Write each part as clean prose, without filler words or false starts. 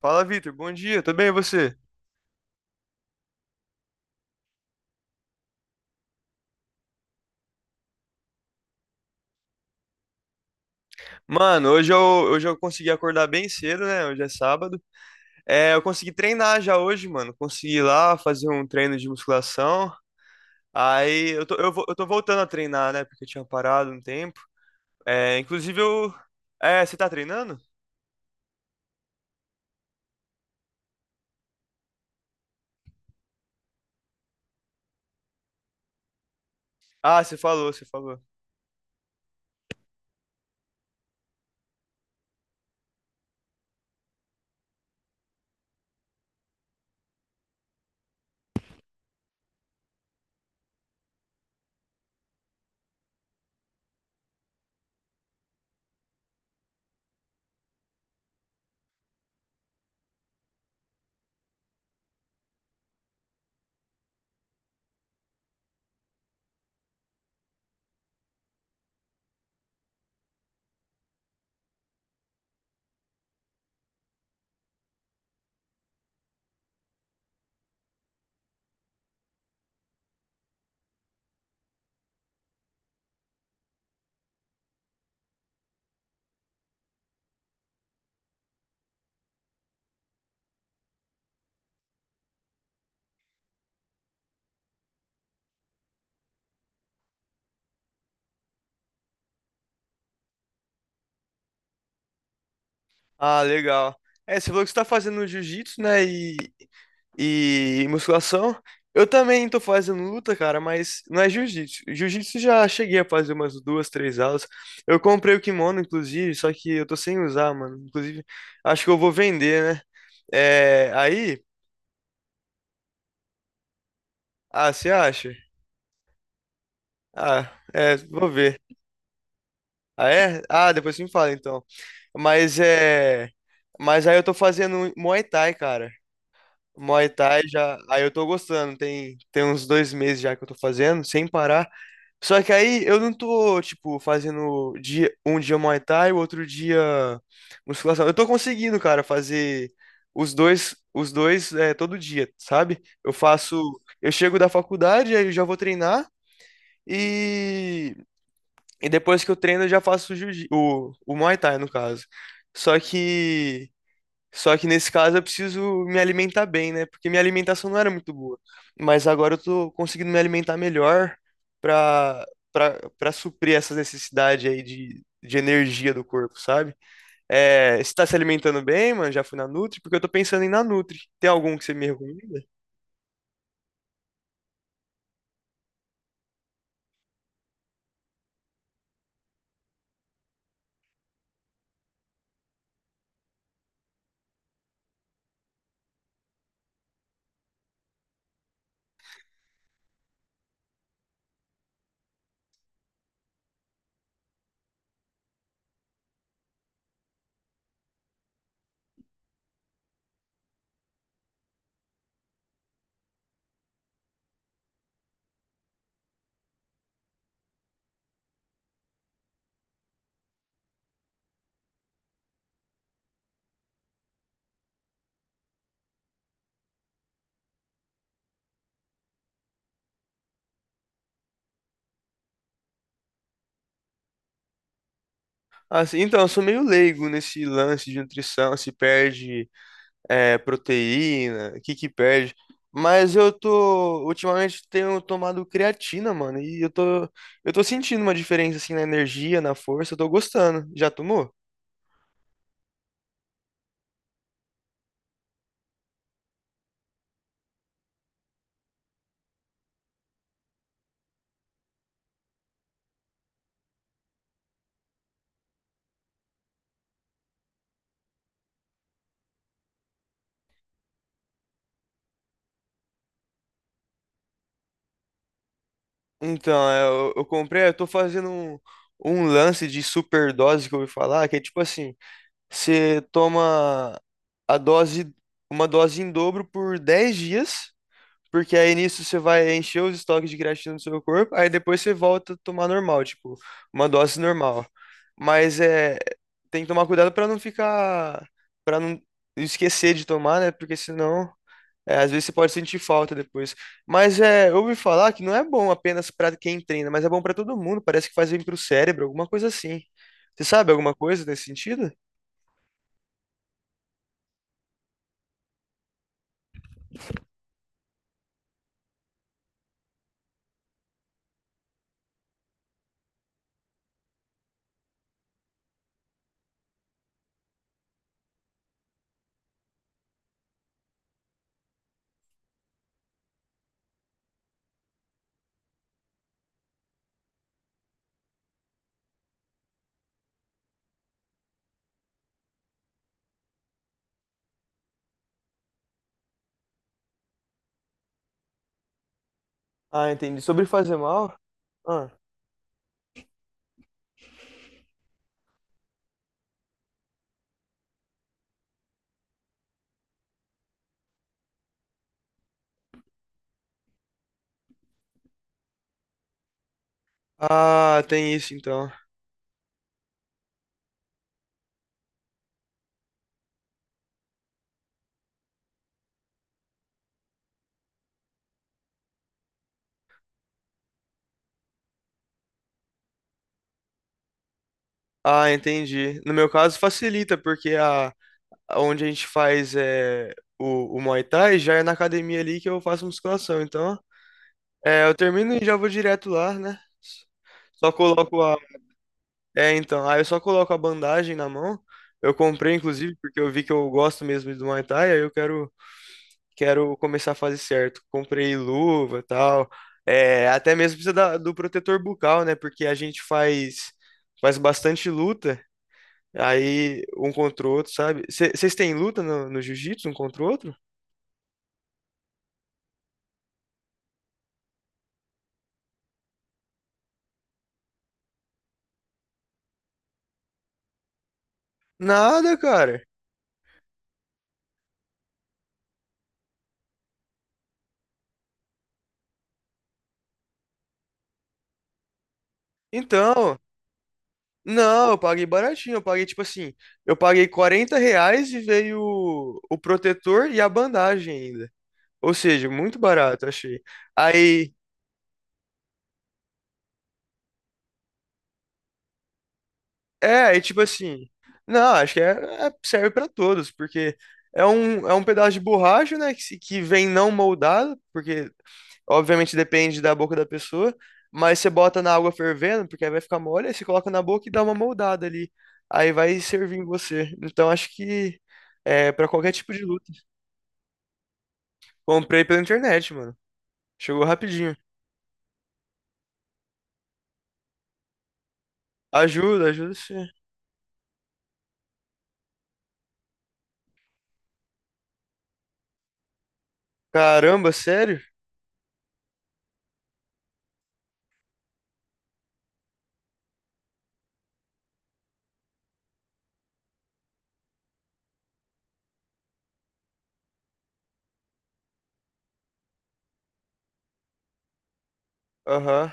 Fala, Vitor. Bom dia, tudo bem e você? Mano, hoje eu consegui acordar bem cedo, né? Hoje é sábado. É, eu consegui treinar já hoje, mano. Consegui ir lá fazer um treino de musculação. Aí eu tô voltando a treinar, né? Porque eu tinha parado um tempo. É, inclusive eu. É, você tá treinando? Ah, você falou. Ah, legal. É, você falou que você tá fazendo jiu-jitsu, né? E musculação. Eu também tô fazendo luta, cara, mas não é jiu-jitsu. Jiu-jitsu já cheguei a fazer umas duas, três aulas. Eu comprei o kimono, inclusive, só que eu tô sem usar, mano. Inclusive, acho que eu vou vender, né? É, aí, ah, você acha? Ah, é, vou ver. Ah, é? Ah, depois você me fala, então. Mas é, mas aí eu tô fazendo Muay Thai, cara. Muay Thai já, aí eu tô gostando. Tem uns 2 meses já que eu tô fazendo, sem parar. Só que aí eu não tô, tipo, fazendo dia, um dia Muay Thai, o outro dia musculação. Eu tô conseguindo, cara, fazer os dois é, todo dia, sabe? Eu faço, eu chego da faculdade, aí eu já vou treinar e, e depois que eu treino eu já faço o Muay Thai, no caso. Só que só que nesse caso eu preciso me alimentar bem, né? Porque minha alimentação não era muito boa. Mas agora eu tô conseguindo me alimentar melhor pra, pra suprir essa necessidade aí de energia do corpo, sabe? É, você tá se alimentando bem, mano? Já fui na Nutri? Porque eu tô pensando em ir na Nutri. Tem algum que você me recomenda? Assim, então, eu sou meio leigo nesse lance de nutrição, se perde é, proteína, o que que perde. Mas eu tô, ultimamente tenho tomado creatina, mano, eu tô sentindo uma diferença, assim, na energia, na força, eu tô gostando. Já tomou? Então, é, eu comprei, eu tô fazendo um, um lance de superdose que eu ouvi falar, que é tipo assim, você toma a dose, uma dose em dobro por 10 dias. Porque aí nisso você vai encher os estoques de creatina no seu corpo, aí depois você volta a tomar normal, tipo, uma dose normal. Mas é, tem que tomar cuidado para não ficar, para não esquecer de tomar, né? Porque senão, é, às vezes você pode sentir falta depois. Mas é, eu ouvi falar que não é bom apenas para quem treina, mas é bom para todo mundo, parece que faz bem pro cérebro, alguma coisa assim. Você sabe alguma coisa nesse sentido? Ah, entendi. Sobre fazer mal? Ah, ah, tem isso então. Ah, entendi. No meu caso, facilita, porque a, onde a gente faz é, o Muay Thai já é na academia ali que eu faço musculação. Então, é, eu termino e já vou direto lá, né? Só coloco a. É, então. Aí eu só coloco a bandagem na mão. Eu comprei, inclusive, porque eu vi que eu gosto mesmo do Muay Thai, aí quero começar a fazer certo. Comprei luva e tal. É, até mesmo precisa do protetor bucal, né? Porque a gente faz, faz bastante luta. Aí, um contra o outro, sabe? Vocês têm luta no jiu-jitsu, um contra o outro? Nada, cara. Então, não, eu paguei baratinho. Eu paguei, tipo assim, eu paguei R$ 40 e veio o protetor e a bandagem ainda. Ou seja, muito barato, achei. Aí, é, aí, tipo assim, não, acho que é, é- serve pra todos, porque é um pedaço de borracha, né, que, se- que vem não moldado, porque obviamente depende da boca da pessoa, mas você bota na água fervendo, porque aí vai ficar mole, aí você coloca na boca e dá uma moldada ali. Aí vai servir em você. Então acho que é para qualquer tipo de luta. Comprei pela internet, mano. Chegou rapidinho. Ajuda, ajuda você. Caramba, sério? Aham.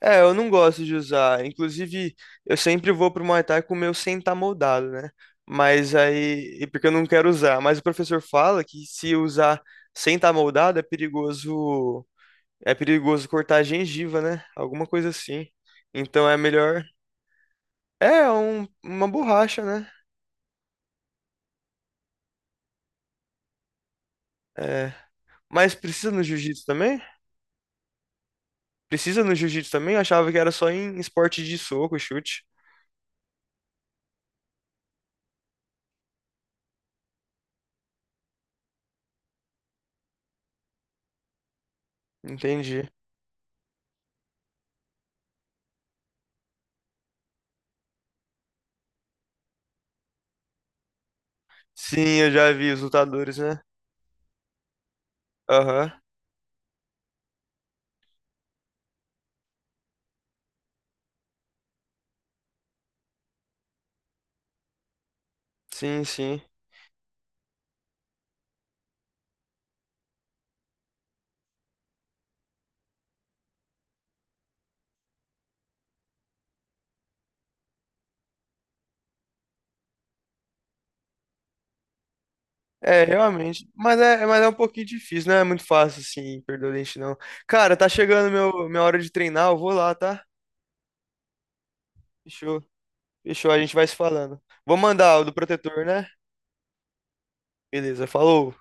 É, eu não gosto de usar. Inclusive, eu sempre vou pro Muay Thai com o meu sem estar moldado, né? Mas aí, e porque eu não quero usar. Mas o professor fala que se usar sem estar moldado é perigoso. É perigoso cortar a gengiva, né? Alguma coisa assim. Então é melhor. É um- uma borracha, né? É. Mas precisa no jiu-jitsu também? Precisa no jiu-jitsu também? Eu achava que era só em esporte de soco, chute. Entendi. Sim, eu já vi os lutadores, né? Aham. Sim, sim. É, realmente. Mas é um pouquinho difícil, não é muito fácil assim, perder o dente, não. Cara, tá chegando minha hora de treinar, eu vou lá, tá? Fechou. Fechou, a gente vai se falando. Vou mandar o do protetor, né? Beleza, falou.